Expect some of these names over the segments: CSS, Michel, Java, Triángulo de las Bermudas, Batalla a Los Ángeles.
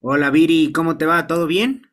Hola Viri, ¿cómo te va? ¿Todo bien?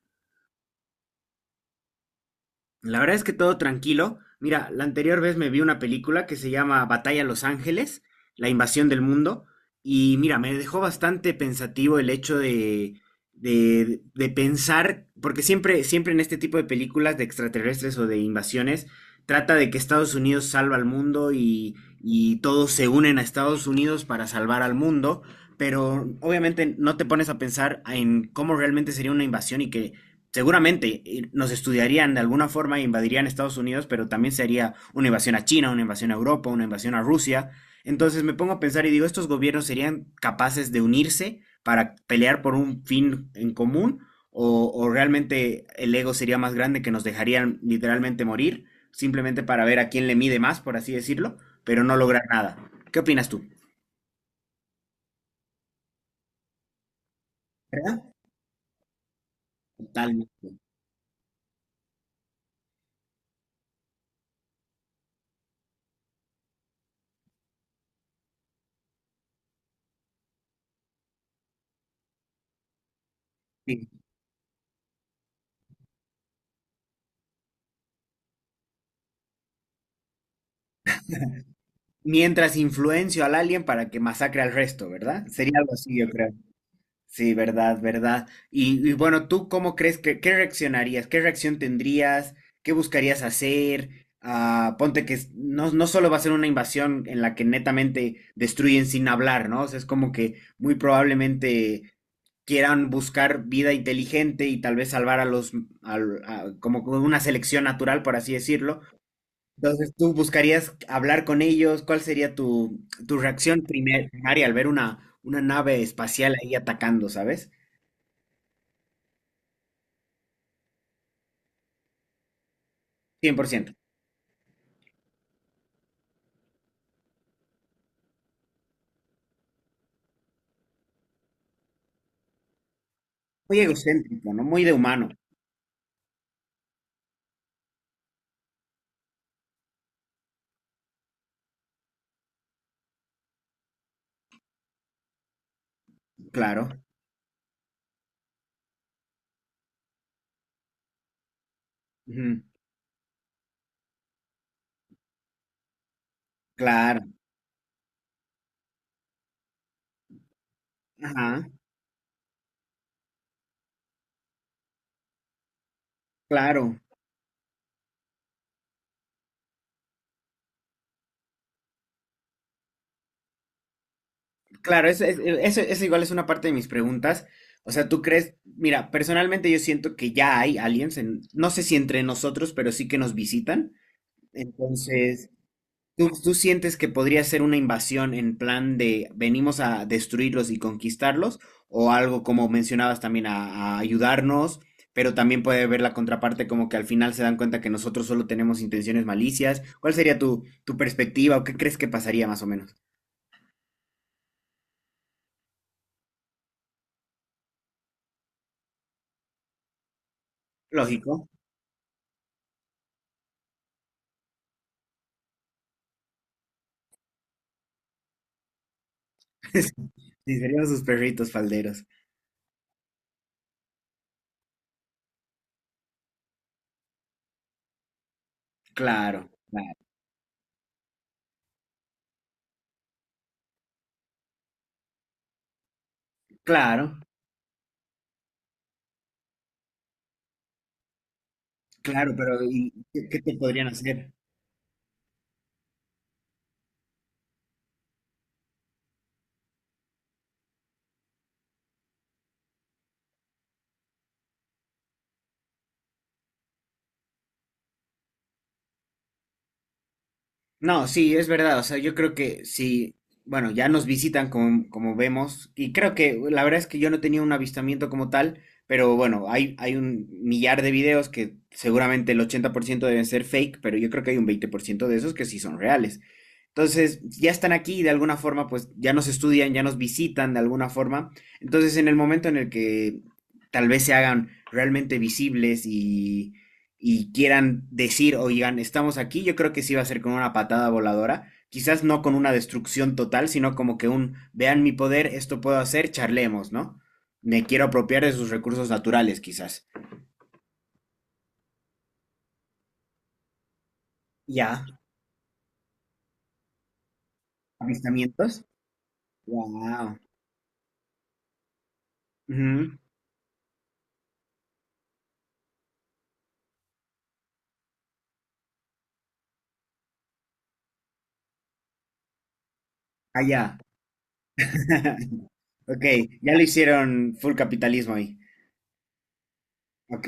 La verdad es que todo tranquilo. Mira, la anterior vez me vi una película que se llama Batalla a Los Ángeles, la invasión del mundo, y mira, me dejó bastante pensativo el hecho de pensar, porque siempre, siempre en este tipo de películas de extraterrestres o de invasiones, trata de que Estados Unidos salva al mundo y todos se unen a Estados Unidos para salvar al mundo, pero obviamente no te pones a pensar en cómo realmente sería una invasión y que seguramente nos estudiarían de alguna forma e invadirían Estados Unidos, pero también sería una invasión a China, una invasión a Europa, una invasión a Rusia. Entonces me pongo a pensar y digo, ¿estos gobiernos serían capaces de unirse para pelear por un fin en común? ¿O realmente el ego sería más grande que nos dejarían literalmente morir, simplemente para ver a quién le mide más, por así decirlo, pero no lograr nada? ¿Qué opinas tú? ¿Verdad? Totalmente. Sí. Mientras influencio al alien para que masacre al resto, ¿verdad? Sería algo así, yo creo. Sí, verdad, verdad. Y bueno, ¿tú cómo crees que, qué reaccionarías? ¿Qué reacción tendrías? ¿Qué buscarías hacer? Ah, ponte que no, no solo va a ser una invasión en la que netamente destruyen sin hablar, ¿no? O sea, es como que muy probablemente quieran buscar vida inteligente y tal vez salvar a los, como con una selección natural, por así decirlo, entonces, ¿tú buscarías hablar con ellos? ¿Cuál sería tu reacción primaria al ver una nave espacial ahí atacando, ¿sabes? Cien por ciento. Muy egocéntrico, ¿no? Muy de humano, claro. Ujú, claro, ajá, claro. Claro, eso, eso, eso igual es una parte de mis preguntas. O sea, ¿tú crees? Mira, personalmente yo siento que ya hay aliens, no sé si entre nosotros, pero sí que nos visitan. Entonces, ¿Tú sientes que podría ser una invasión en plan de venimos a destruirlos y conquistarlos? ¿O algo como mencionabas también a ayudarnos? Pero también puede haber la contraparte como que al final se dan cuenta que nosotros solo tenemos intenciones malicias. ¿Cuál sería tu perspectiva o qué crees que pasaría más o menos? Lógico. Sí, serían sus perritos falderos. Claro, claro, claro, claro, pero ¿y qué, qué te podrían hacer? No, sí, es verdad. O sea, yo creo que sí, bueno, ya nos visitan como, como vemos. Y creo que la verdad es que yo no tenía un avistamiento como tal, pero bueno, hay un millar de videos que seguramente el 80% deben ser fake, pero yo creo que hay un 20% de esos que sí son reales. Entonces, ya están aquí, y de alguna forma, pues ya nos estudian, ya nos visitan de alguna forma. Entonces, en el momento en el que tal vez se hagan realmente visibles y quieran decir, oigan, estamos aquí, yo creo que sí va a ser con una patada voladora. Quizás no con una destrucción total, sino como que un, vean mi poder, esto puedo hacer, charlemos, ¿no? Me quiero apropiar de sus recursos naturales, quizás. Ya. Avistamientos. Wow. Ujú. Ah, ya. Ok, ya lo hicieron full capitalismo ahí. Ok.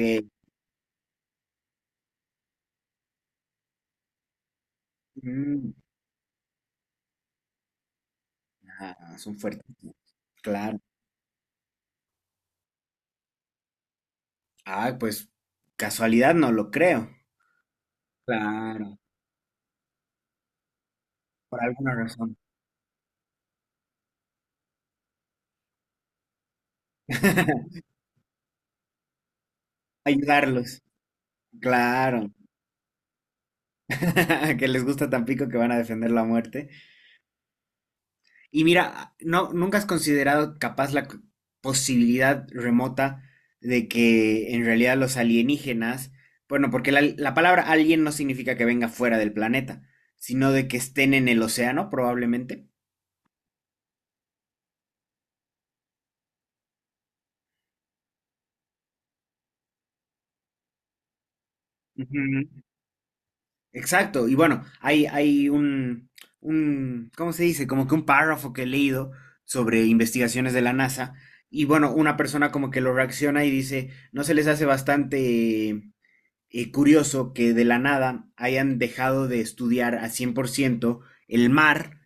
Mm, ah, son fuertes. Claro. Ah, pues casualidad no lo creo. Claro, por alguna razón. Ayudarlos. Claro. Que les gusta Tampico que van a defender la muerte. Y mira, no, ¿nunca has considerado capaz la posibilidad remota de que en realidad los alienígenas, bueno, porque la palabra alien no significa que venga fuera del planeta, sino de que estén en el océano, probablemente? Ujú. Exacto, y bueno, hay ¿cómo se dice? Como que un párrafo que he leído sobre investigaciones de la NASA, y bueno, una persona como que lo reacciona y dice, ¿no se les hace bastante curioso que de la nada hayan dejado de estudiar a 100% el mar,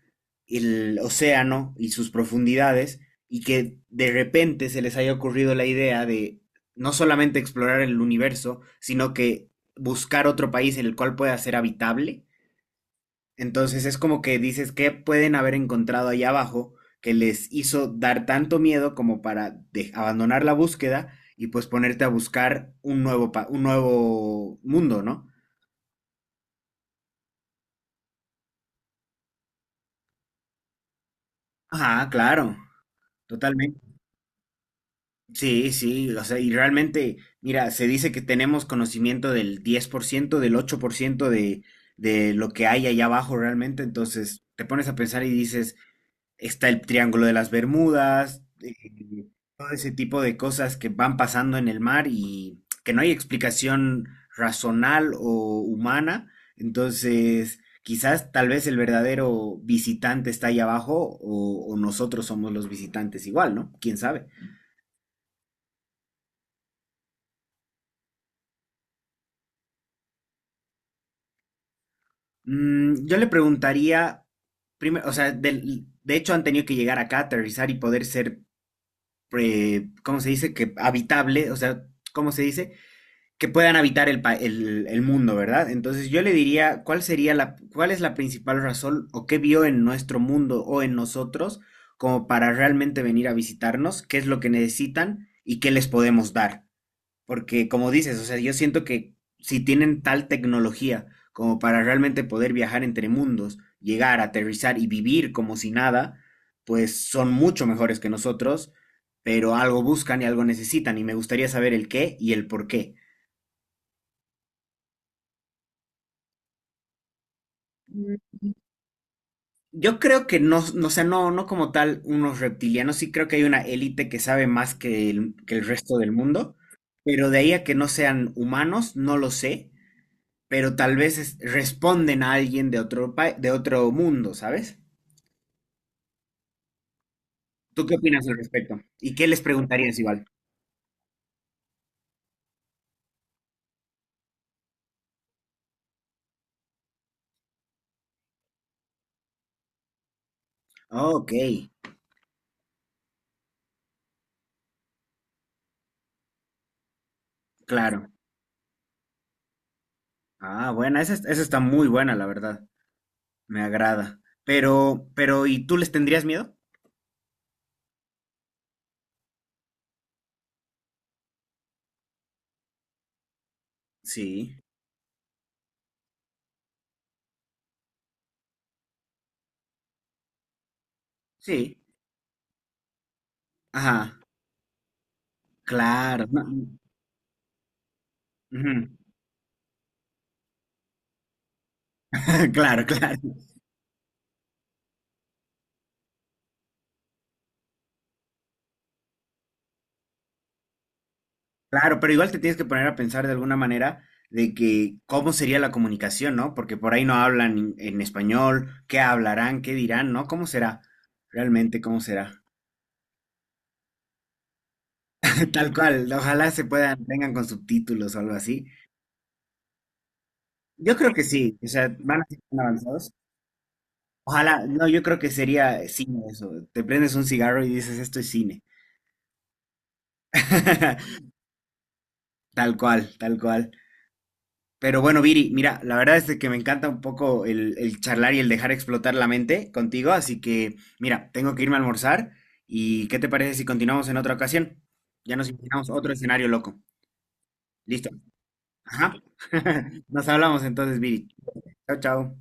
el océano y sus profundidades, y que de repente se les haya ocurrido la idea de no solamente explorar el universo, sino que buscar otro país en el cual pueda ser habitable. Entonces es como que dices, ¿qué pueden haber encontrado ahí abajo que les hizo dar tanto miedo como para abandonar la búsqueda y pues ponerte a buscar un un nuevo mundo, ¿no? Ajá, claro, totalmente. Sí, sí, o sea, y realmente, mira, se dice que tenemos conocimiento del 10%, del 8% de lo que hay allá abajo realmente, entonces te pones a pensar y dices, está el Triángulo de las Bermudas, todo ese tipo de cosas que van pasando en el mar y que no hay explicación razonal o humana. Entonces, quizás tal vez el verdadero visitante está ahí abajo o nosotros somos los visitantes igual, ¿no? ¿Quién sabe? Mm, yo le preguntaría, primero, o sea, de hecho han tenido que llegar acá, aterrizar y poder ser, ¿cómo se dice? Que habitable, o sea, ¿cómo se dice? Que puedan habitar el mundo, ¿verdad? Entonces yo le diría, ¿cuál sería cuál es la principal razón o qué vio en nuestro mundo o en nosotros como para realmente venir a visitarnos? ¿Qué es lo que necesitan y qué les podemos dar? Porque como dices, o sea, yo siento que si tienen tal tecnología como para realmente poder viajar entre mundos, llegar, aterrizar y vivir como si nada, pues son mucho mejores que nosotros, pero algo buscan y algo necesitan y me gustaría saber el qué y el por qué. Yo creo que no, no, o sea, no, no como tal unos reptilianos, sí creo que hay una élite que sabe más que que el resto del mundo, pero de ahí a que no sean humanos, no lo sé, pero tal vez responden a alguien de de otro mundo, ¿sabes? ¿Tú qué opinas al respecto? ¿Y qué les preguntarías igual? Ok, claro. Ah, buena, esa, esa está muy buena, la verdad. Me agrada. Pero, ¿y tú les tendrías miedo? Sí, sí. Ajá, claro. No, ujú. Claro, claro, claro, pero igual te tienes que poner a pensar de alguna manera de que cómo sería la comunicación, ¿no? Porque por ahí no hablan en español, qué hablarán, qué dirán, ¿no? ¿Cómo será? Realmente, ¿cómo será? Tal cual, ojalá se puedan, vengan con subtítulos o algo así. Yo creo que sí, o sea, van a ser tan avanzados. Ojalá, no, yo creo que sería cine eso. Te prendes un cigarro y dices, esto es cine. Tal cual, tal cual. Pero bueno, Viri, mira, la verdad es de que me encanta un poco el charlar y el dejar explotar la mente contigo, así que mira, tengo que irme a almorzar y ¿qué te parece si continuamos en otra ocasión? Ya nos imaginamos otro escenario loco. ¿Listo? Ajá. Nos hablamos entonces, Viri. Chao, chao.